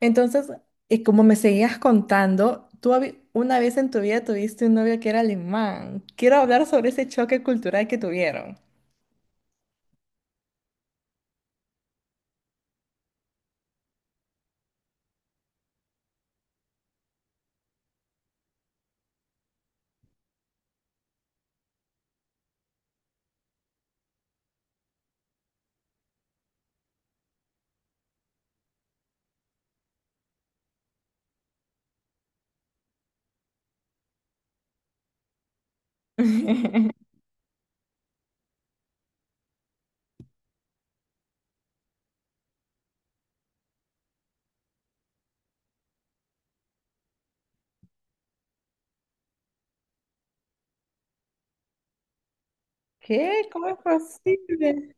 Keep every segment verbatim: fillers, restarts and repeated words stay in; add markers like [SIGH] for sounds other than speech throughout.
Entonces, y como me seguías contando, tú habi- una vez en tu vida tuviste un novio que era alemán. Quiero hablar sobre ese choque cultural que tuvieron. [LAUGHS] ¿Qué? ¿Cómo es posible?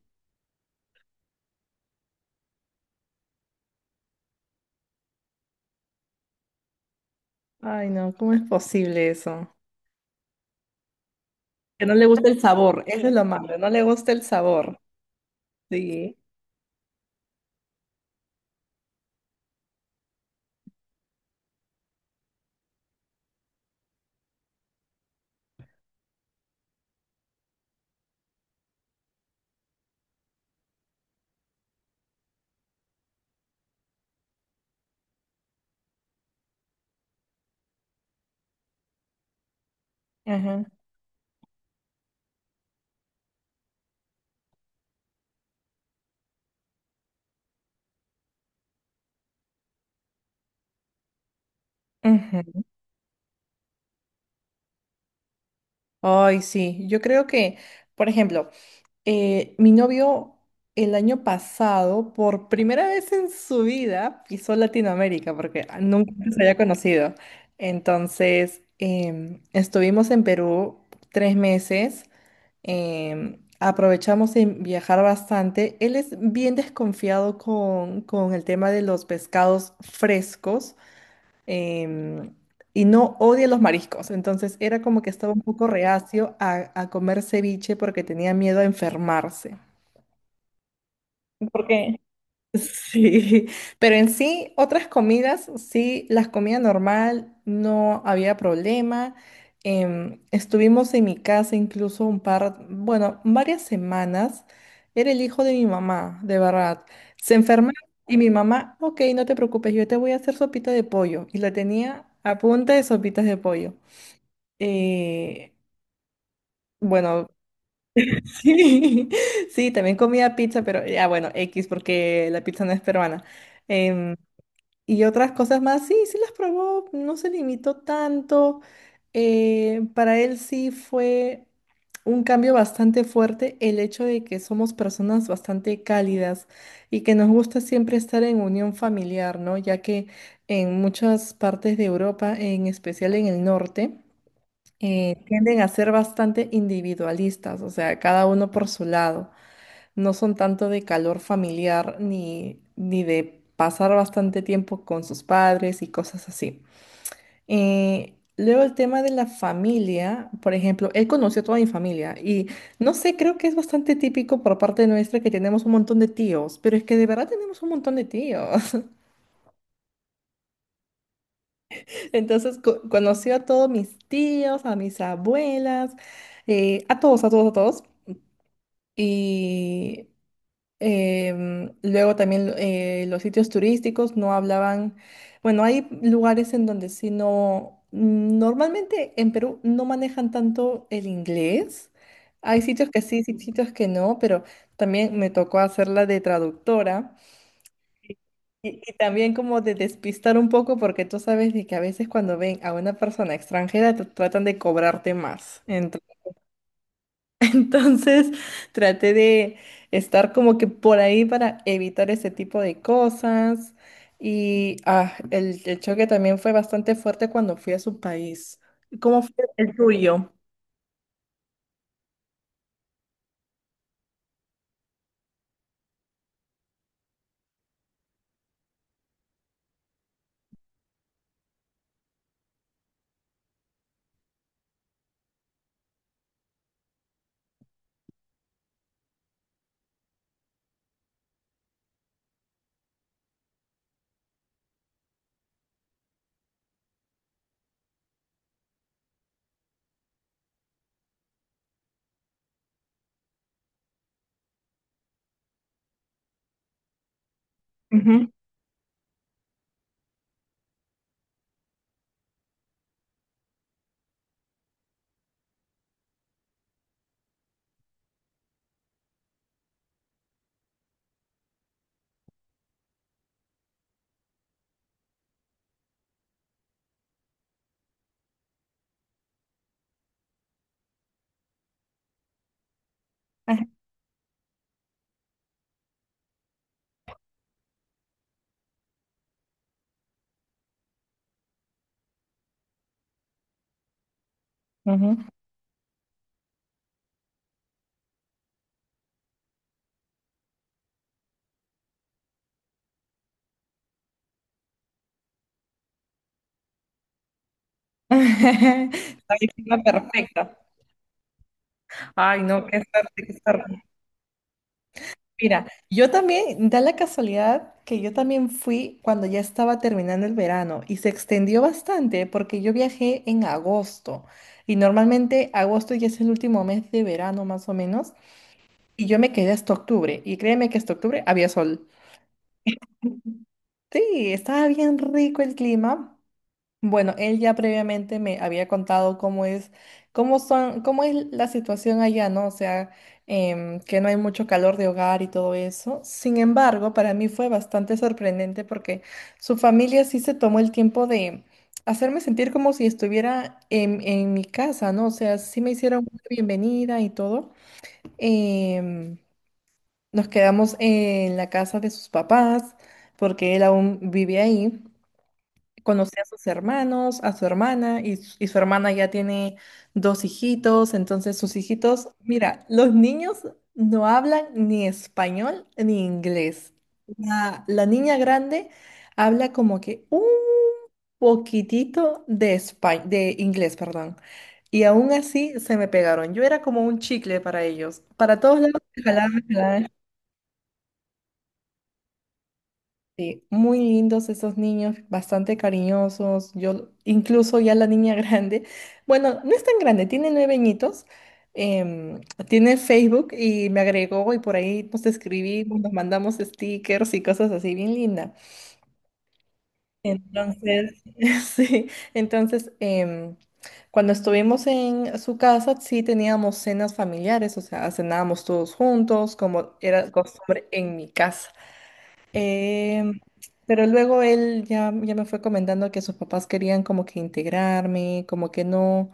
Ay, no, ¿cómo es posible eso? Que no le gusta el sabor, eso es lo malo, no le gusta el sabor. Sí. Ajá. Ujú. Ay, sí, yo creo que, por ejemplo, eh, mi novio el año pasado, por primera vez en su vida, pisó Latinoamérica porque ah, nunca se había conocido. Entonces, em, estuvimos en Perú tres meses em, aprovechamos en viajar bastante. Él es bien desconfiado con, con el tema de los pescados frescos em, y no odia los mariscos. Entonces era como que estaba un poco reacio a, a comer ceviche porque tenía miedo a enfermarse. ¿Por qué? [LAUGHS] Sí, pero en sí, otras comidas, sí, las comidas normal, no había problema. Em, estuvimos en mi casa incluso un par, bueno, varias semanas. Era el hijo de mi mamá, de verdad. Se enferma y mi mamá, ok, no te preocupes, yo te voy a hacer sopita de pollo. Y la tenía a punta de sopitas de pollo. Eh, bueno, [LAUGHS] sí, sí, también comía pizza, pero ya bueno, X, porque la pizza no es peruana. Em, y otras cosas más, sí, sí las probó, no se limitó tanto. Eh, para él sí fue un cambio bastante fuerte el hecho de que somos personas bastante cálidas y que nos gusta siempre estar en unión familiar, ¿no? Ya que en muchas partes de Europa, en especial en el norte, eh, tienden a ser bastante individualistas, o sea, cada uno por su lado no son tanto de calor familiar ni, ni de pasar bastante tiempo con sus padres y cosas así. Eh, luego el tema de la familia, por ejemplo, él conoció a toda mi familia y no sé, creo que es bastante típico por parte nuestra que tenemos un montón de tíos, pero es que de verdad tenemos un montón de tíos. [LAUGHS] Entonces co- conoció a todos mis tíos, a mis abuelas, eh, a todos, a todos, a todos. Y Em, luego también eh, los sitios turísticos no hablaban, bueno, hay lugares en donde sí no, normalmente en Perú no manejan tanto el inglés. Hay sitios que sí, sí, sitios que no, pero también me tocó hacerla de traductora y, y también como de despistar un poco porque tú sabes de que a veces cuando ven a una persona extranjera tr- tratan de cobrarte más. Entonces [LAUGHS] traté de estar como que por ahí para evitar ese tipo de cosas. Y ah, el, el choque también fue bastante fuerte cuando fui a su país. ¿Cómo fue el tuyo? Ujú, ajá, ujú. [LAUGHS] La víctima perfecta. Ay, no, qué suerte, qué suerte. Mira, yo también, da la casualidad que yo también fui cuando ya estaba terminando el verano y se extendió bastante porque yo viajé en agosto y normalmente agosto ya es el último mes de verano más o menos y yo me quedé hasta octubre y créeme que hasta octubre había sol. Sí, estaba bien rico el clima. Bueno, él ya previamente me había contado cómo es, cómo son, cómo es la situación allá, ¿no? O sea, em, que no hay mucho calor de hogar y todo eso. Sin embargo, para mí fue bastante sorprendente porque su familia sí se tomó el tiempo de hacerme sentir como si estuviera en, en mi casa, ¿no? O sea, sí me hicieron una bienvenida y todo. Em, Nos quedamos en la casa de sus papás porque él aún vive ahí conocí a sus hermanos, a su hermana, y, s- y su hermana ya tiene dos hijitos, entonces sus hijitos, mira, los niños no hablan ni español ni inglés. La, la niña grande habla como que un poquitito de espa- de inglés, perdón. Y aún así se me pegaron. Yo era como un chicle para ellos. Para todos lados me jalaban, me jalaban, sí, muy lindos esos niños, bastante cariñosos. Yo, incluso ya la niña [LAUGHS] grande, bueno, no es tan grande, tiene nueve añitos, em, tiene Facebook y me agregó y por ahí nos escribimos, nos mandamos stickers y cosas así, bien linda. Entonces, [LAUGHS] sí, entonces, em, cuando estuvimos en su casa, sí teníamos cenas familiares, o sea, cenábamos todos juntos, como era costumbre en mi casa. Em, pero luego él ya, ya me fue comentando que sus papás querían como que integrarme, como que no,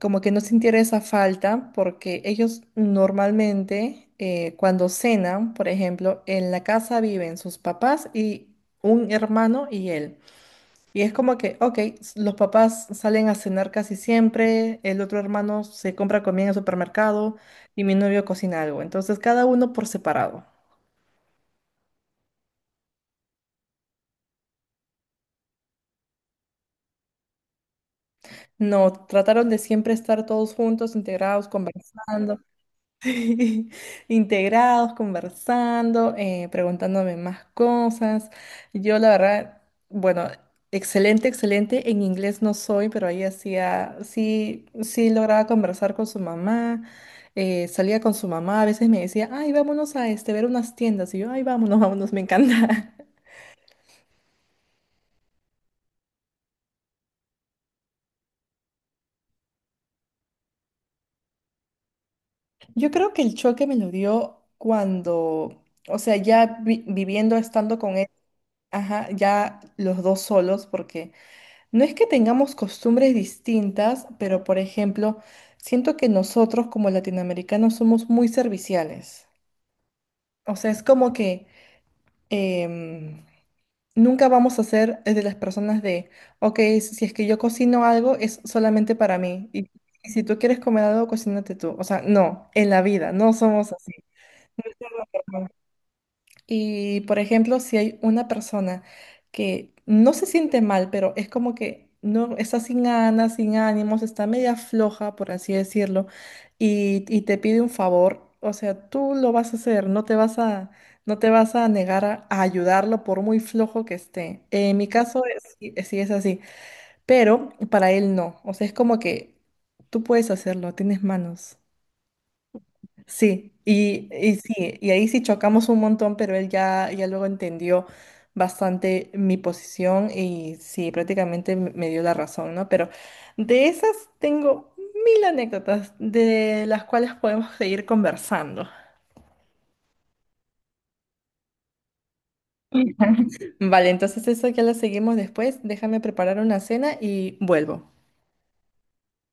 como que no sintiera esa falta, porque ellos normalmente eh, cuando cenan, por ejemplo, en la casa viven sus papás y un hermano y él. Y es como que, ok, s- los papás salen a cenar casi siempre, el otro hermano se compra comida en el supermercado y mi novio cocina algo. Entonces cada uno por separado. No, trataron de siempre estar todos juntos, integrados, conversando, [LAUGHS] integrados, conversando, eh, preguntándome más cosas. Yo la verdad, bueno, excelente, excelente. En inglés no soy, pero ahí hacía, sí, sí lograba conversar con su mamá, eh, salía con su mamá, a veces me decía, ay, vámonos a este, ver unas tiendas. Y yo, ay, vámonos, [LAUGHS] vámonos, me encanta. [LAUGHS] Yo creo que el choque me lo dio cuando, o sea, ya vi- viviendo, estando con él. Ajá, ya los dos solos, porque no es que tengamos costumbres distintas, pero por ejemplo, siento que nosotros como latinoamericanos somos muy serviciales. O sea, es como que em, nunca vamos a ser de las personas de, ok, si es que yo cocino algo, es solamente para mí. Y, y si tú quieres comer algo, cocínate tú. O sea, no, en la vida, no somos así. Y, por ejemplo, si hay una persona que no se siente mal, pero es como que no está sin ganas, sin ánimos, está media floja, por así decirlo, y, y te pide un favor, o sea, tú lo vas a hacer, no te vas a, no te vas a negar a, a ayudarlo por muy flojo que esté. En mi caso, es- sí sí es así, pero para él no, o sea, es como que tú puedes hacerlo, tienes manos. Sí, y, y sí, y ahí sí chocamos un montón, pero él ya, ya luego entendió bastante mi posición y sí, prácticamente m- me dio la razón, ¿no? Pero de esas tengo mil anécdotas de las cuales podemos seguir conversando. [LAUGHS] Vale, entonces eso ya lo seguimos después. Déjame preparar una cena y vuelvo.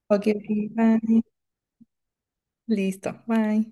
Ok, ok, bye. Listo, bye.